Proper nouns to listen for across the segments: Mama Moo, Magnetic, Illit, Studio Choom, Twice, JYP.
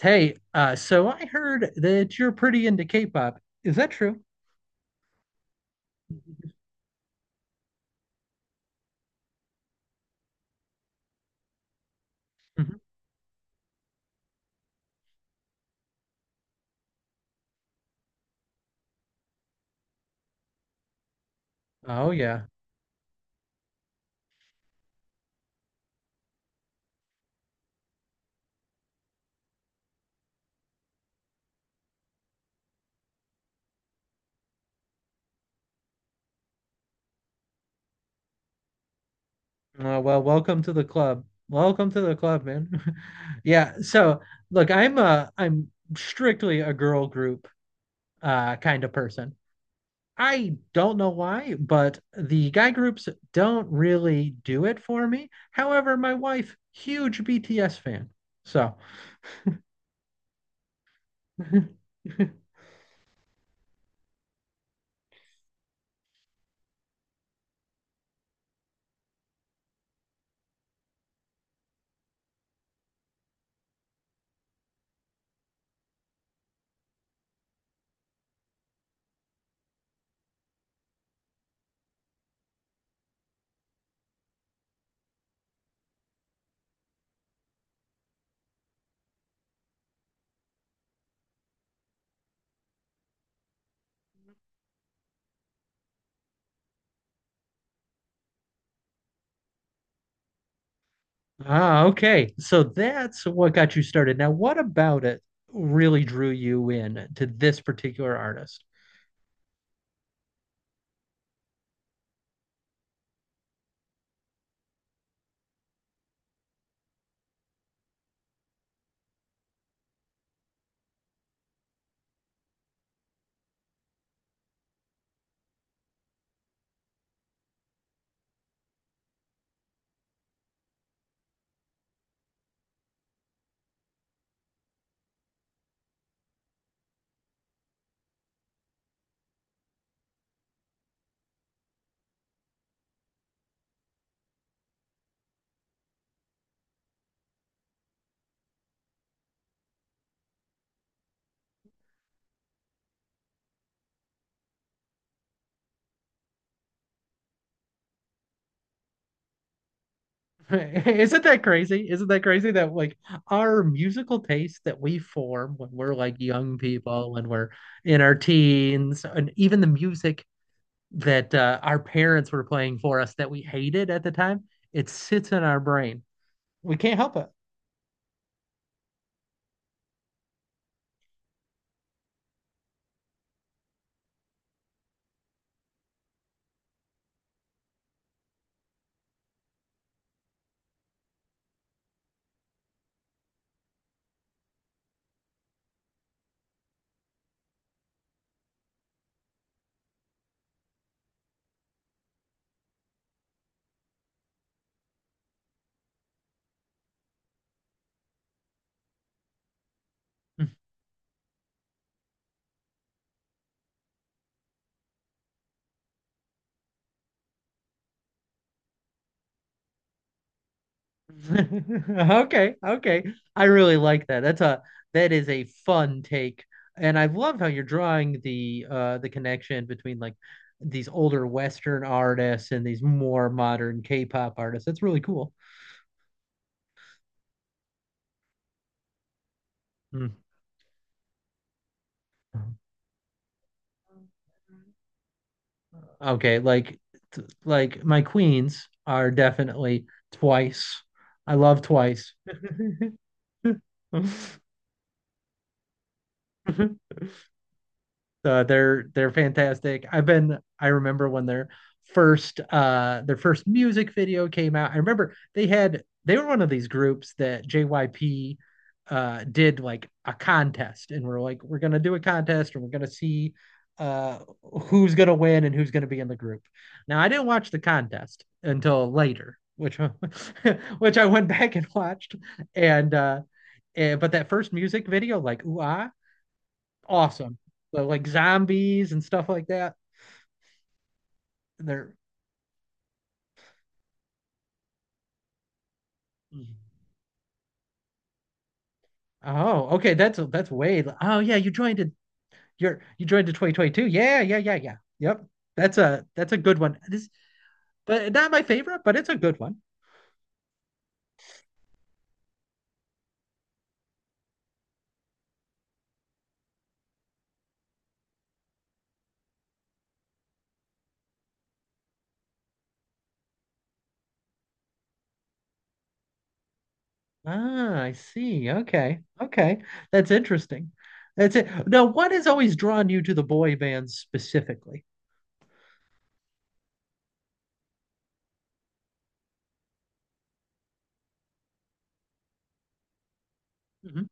Hey, so I heard that you're pretty into K-pop. Is that true? Mhm. Oh yeah. Well, welcome to the club. Welcome to the club, man. Yeah. So look, I'm strictly a girl group kind of person. I don't know why, but the guy groups don't really do it for me. However, my wife, huge BTS fan. So Ah, okay. So that's what got you started. Now, what about it really drew you in to this particular artist? Isn't that crazy? Isn't that crazy that like our musical taste that we form when we're like young people, when we're in our teens, and even the music that our parents were playing for us that we hated at the time, it sits in our brain. We can't help it. Okay, okay. I really like that. That is a fun take. And I love how you're drawing the connection between like these older Western artists and these more modern K-pop artists. That's really cool. Mm. Okay, like like my queens are definitely twice. I love twice. They're fantastic. I remember when their first music video came out. I remember they were one of these groups that JYP did like a contest and we're like we're going to do a contest and we're going to see uh who's going to win and who's going to be in the group. Now I didn't watch the contest until later, which which I went back and watched and uh and but that first music video like ooh ah awesome. So like zombies and stuff like that. They're oh okay. That's way. Oh yeah, you joined it. You joined the 2022. Yeah, yeah, yeah, yeah. Yep. That's a good one. This but not my favorite, but it's a good one. Ah, I see. Okay. Okay. That's interesting. That's it. Now, what has always drawn you to the boy bands specifically? Mhm.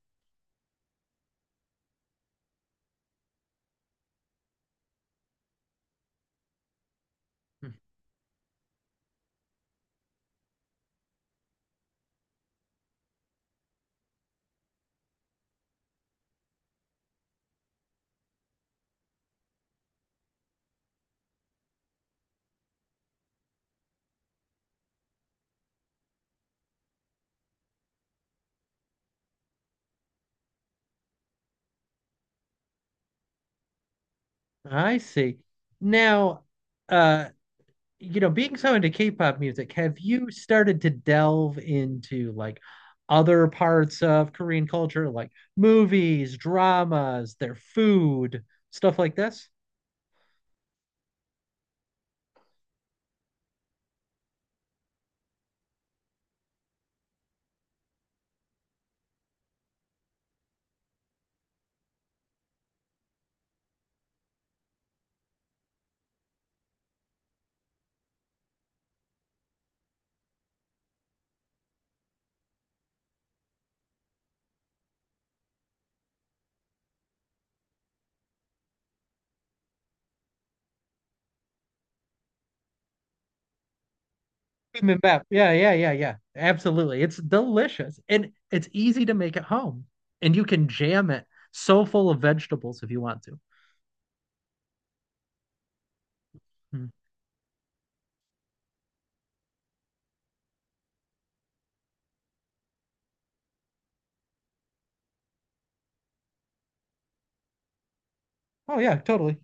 I see. Now, uh you know, being so into K-pop music, have you started to delve into like other parts of Korean culture, like movies, dramas, their food, stuff like this? Bibimbap. Yeah, yeah, yeah, yeah. Absolutely. It's delicious and it's easy to make at home. And you can jam it so full of vegetables if you want to. Hmm. Oh yeah, totally.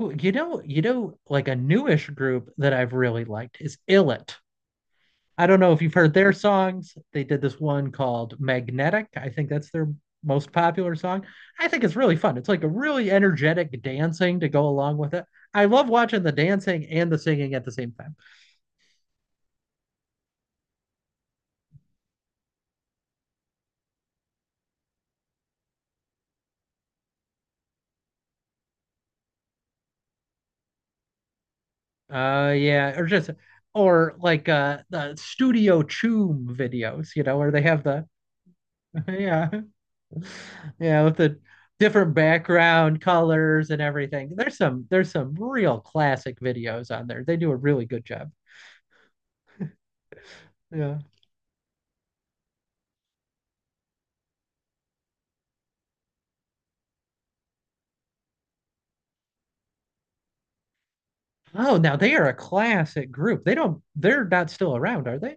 Ooh, you know, you know, like a newish group that I've really liked is Illit. I don't know if you've heard their songs. They did this one called Magnetic. I think that's their most popular song. I think it's really fun. It's like a really energetic dancing to go along with it. I love watching the dancing and the singing at the same time. Yeah, or just or like the Studio Choom videos, you know, where they have the yeah, yeah, with the different background colors and everything. There's some real classic videos on there. They do a really good job. Yeah. Oh, now they are a classic group. They don't, they're not still around, are they?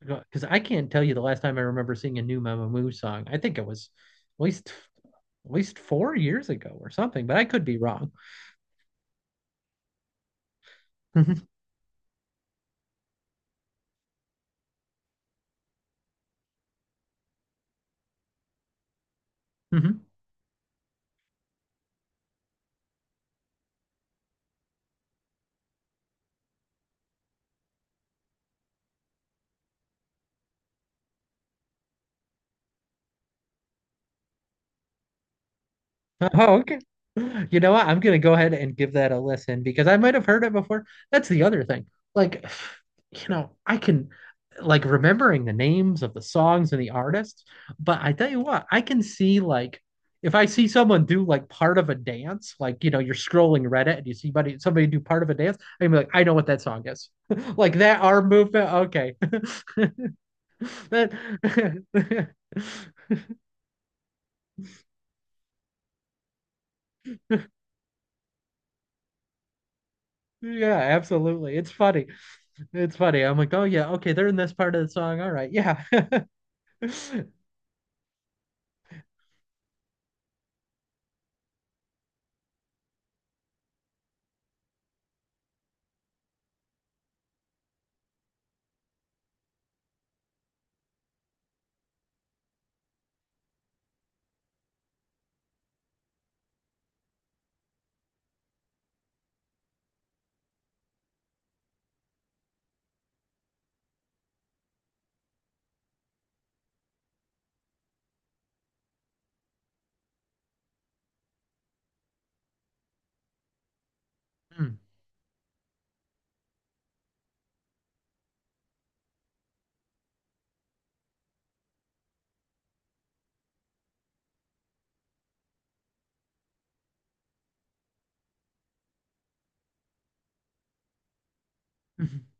Because I can't tell you the last time I remember seeing a new Mama Moo song. I think it was at least at least 4 years ago or something, but I could be wrong. Oh, okay. You know what? I'm gonna go ahead and give that a listen because I might have heard it before. That's the other thing. Like, you know, I can like remembering the names of the songs and the artists, but I tell you what, I can see like if I see someone do like part of a dance, like you know, you're scrolling Reddit and you see somebody do part of a dance, I can be like, I know what that song is. Like that arm movement. Okay. That Yeah, absolutely. It's funny. It's funny. I'm like, oh yeah, okay, they're in this part of the song. All right, yeah. Mm.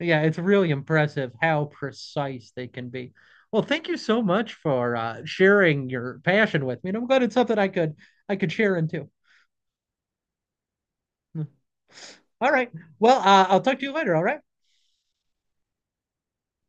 Yeah, it's really impressive how precise they can be. Well, thank you so much for sharing your passion with me, and I'm glad it's something I could share into. Mm. All right. Well, I'll talk to you later. All right.